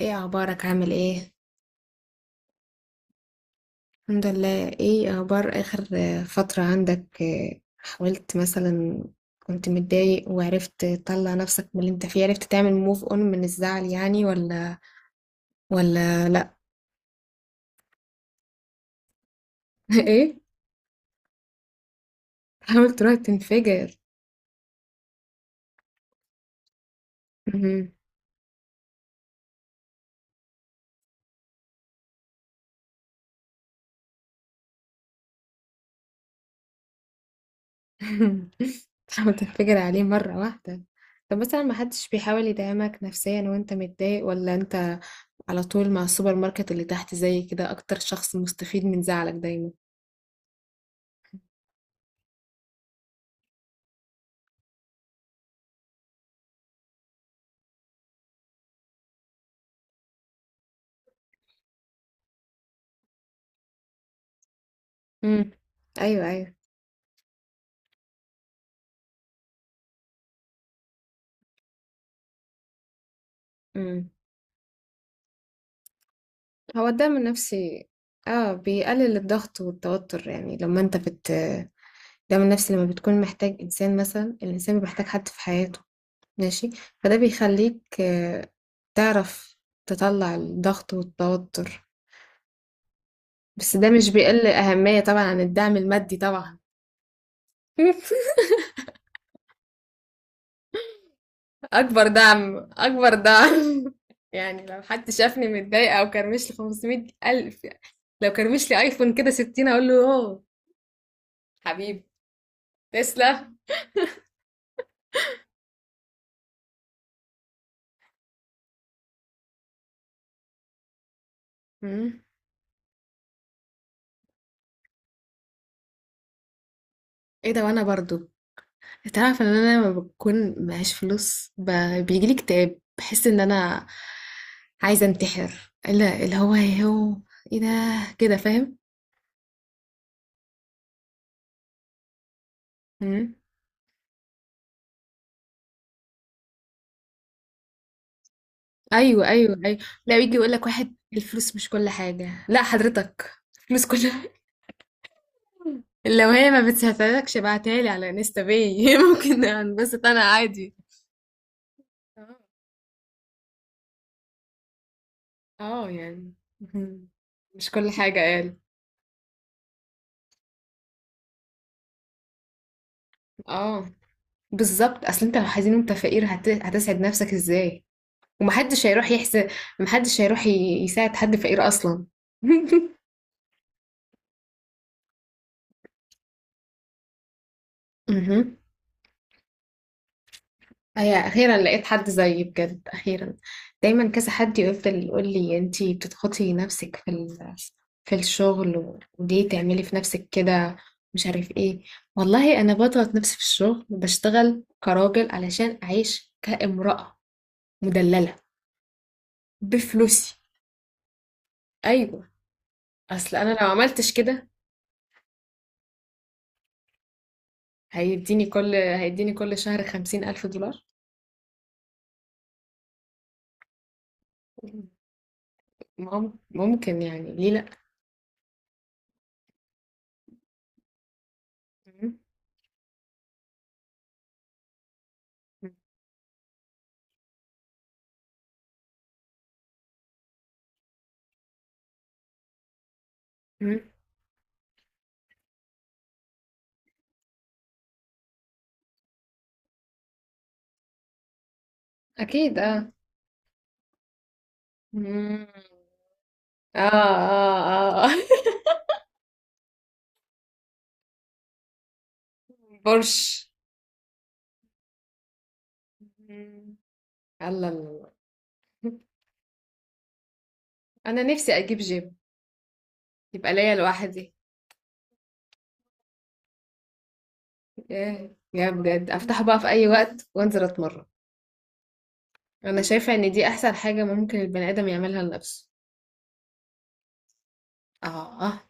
ايه اخبارك؟ عامل ايه؟ الحمد لله. ايه اخبار اخر فترة عندك، حاولت مثلا، كنت متضايق وعرفت تطلع نفسك من اللي انت فيه، عرفت تعمل موف اون من الزعل يعني، ولا لا. ايه؟ حاول تروح تنفجر. مهم. تحاول تنفجر عليه مرة واحدة. طب مثلا ما حدش بيحاول يدعمك نفسيا وانت متضايق، ولا انت على طول مع السوبر ماركت اللي تحت زي كده اكتر شخص مستفيد من زعلك دايما؟ امم. ايوه، ايوه. امم. هو الدعم النفسي، اه، بيقلل الضغط والتوتر، يعني لما انت بت، الدعم النفسي لما بتكون محتاج انسان، مثلا الانسان بيبقى محتاج حد في حياته. ماشي. فده بيخليك، تعرف، تطلع الضغط والتوتر. بس ده مش بيقل أهمية طبعا عن الدعم المادي طبعا. اكبر دعم، اكبر دعم. يعني لو حد شافني متضايقة او كرمش لي 500 الف، لو كرمش لي ايفون كده 60 اقول له: اوه حبيبي، تسلا. مم. ايه ده؟ وانا برضو، تعرف ان انا لما بكون معيش فلوس ب، بيجي لي اكتئاب، بحس ان انا عايزه انتحر، لا اللي هو ايه، هو ايه ده، كده؟ فاهم. مم. ايوه، ايوه، ايوه. لا، يجي يقول لك واحد الفلوس مش كل حاجه، لا حضرتك، الفلوس كل. لو هي ما بتساعدكش ابعتها لي على انستا، باي. ممكن انبسط انا عادي. اه. آه، يعني. مم. مش كل حاجه قال. اه، بالظبط، اصل انت لو حزين وانت فقير هتسعد نفسك ازاي؟ ومحدش هيروح يحسن، محدش هيروح يساعد حد فقير اصلا. مهم. هي اخيرا لقيت حد زيي، بجد اخيرا. دايما كذا حد يفضل يقول لي: انتي بتضغطي نفسك في الشغل، وليه تعملي في نفسك كده، مش عارف ايه. والله انا بضغط نفسي في الشغل، بشتغل كراجل علشان اعيش كامرأة مدللة بفلوسي. ايوه. اصل انا لو عملتش كده، هيديني كل شهر 50000 دولار. ممكن، يعني ليه لأ. مم. مم. أكيد اه. مم. اه، اه، اه. بورش. مم. الله الله. أنا نفسي أجيب جيم، يبقى ليا لوحدي. ياه، يا بجد، أفتحه بقى في أي وقت وأنزل أتمرن. أنا شايفة إن دي أحسن حاجة ممكن البني آدم يعملها لنفسه. اه، اه.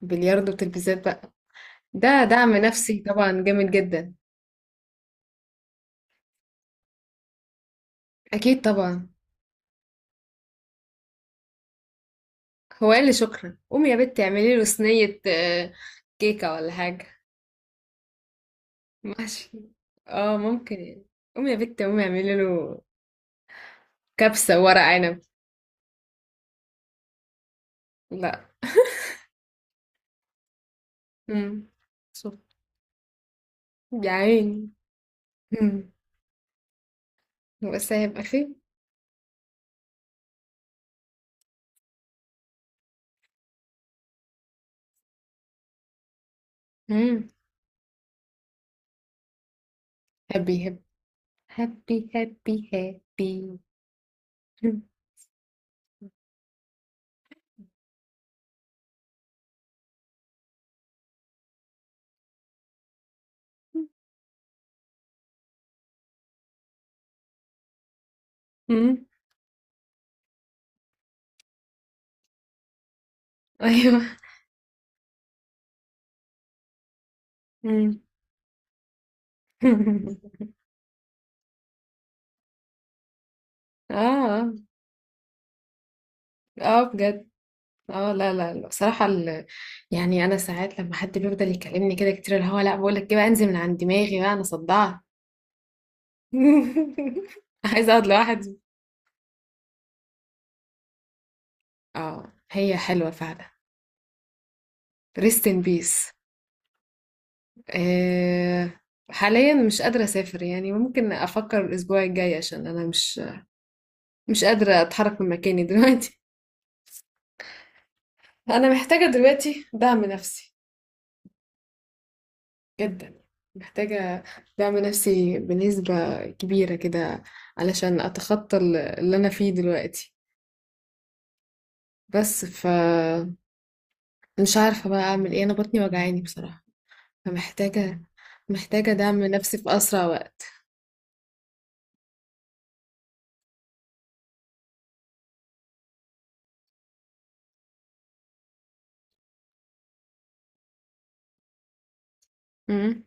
بلياردو وتلفزيون بقى. ده دعم نفسي طبعا جامد جدا. أكيد طبعا. هو قال لي شكرا، قومي يا بنت اعملي له صينية كيكة ولا حاجة. ماشي. اه ممكن يعني. قومي يا بنت، قومي اعملي له كبسة ورق عنب. لا. امم. شوف. يا عيني. امم. بس هيبقى خير. امم. هابي، هابي، هابي، هابي، هابي. امم. ايوه. امم. اه، اه. آه، بجد. اه، لا لا لا، بصراحة يعني انا ساعات لما حد بيفضل يكلمني كده كتير، اللي هو لا بقول لك بقى انزل من عند دماغي بقى، انا صدعت. عايزة اقعد لوحدي. اه هي حلوة فعلا، ريست ان بيس. آه. حاليا مش قادرة اسافر، يعني ممكن افكر الاسبوع الجاي، عشان انا مش قادرة اتحرك من مكاني دلوقتي. انا محتاجة دلوقتي دعم نفسي جدا. محتاجة دعم نفسي بنسبة كبيرة كده، علشان أتخطى اللي أنا فيه دلوقتي. بس ف، مش عارفة بقى أعمل إيه، أنا بطني وجعاني بصراحة، فمحتاجة، محتاجة دعم نفسي في أسرع وقت. امم.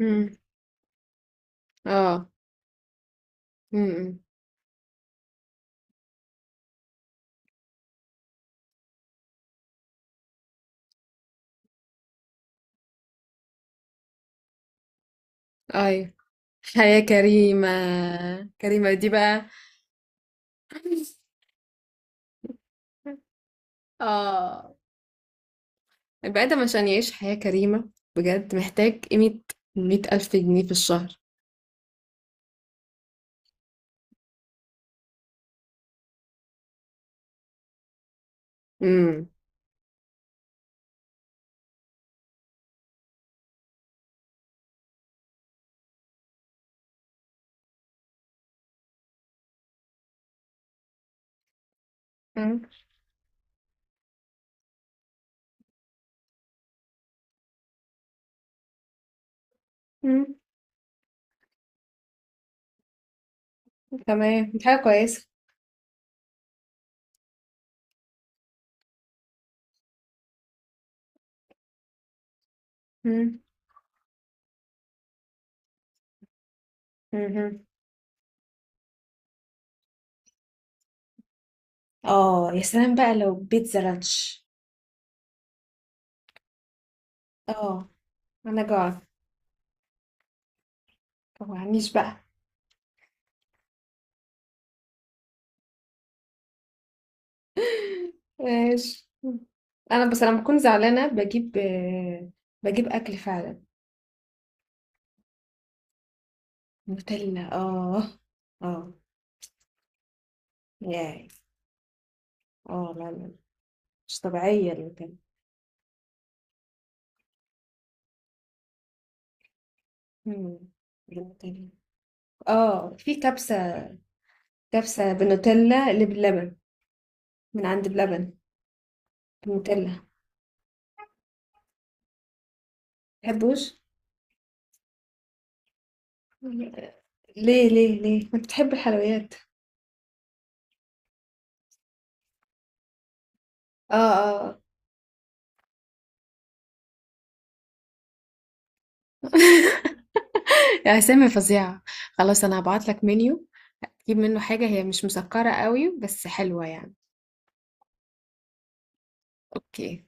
امم. اه. امم. أي. حياة كريمة. كريمة دي بقى. اه. البني آدم عشان يعيش حياة كريمة، بجد محتاج قيمة 100000 جنيه في الشهر. امم. مم. تمام، دي حاجة كويسة. مم. مهم. اه يا سلام بقى لو بيتزا لانش. اه انا جوعت. معنيش بقى. ماشي. انا بس لما بكون زعلانة بجيب اكل فعلا. نوتيلا، اه. اه. ياي. اه لا، لا. مش طبيعية النوتيلا. مم. النوتيلا. اه في كبسة، كبسة بالنوتيلا، اللي باللبن من عند بلبن. بالنوتيلا. تحبوش؟ ليه؟ ليه ما بتحب الحلويات؟ اه، اه. يا اسامي فظيعة. خلاص، انا هبعت لك منيو، تجيب منه حاجة هي مش مسكرة قوي بس حلوة يعني. اوكي.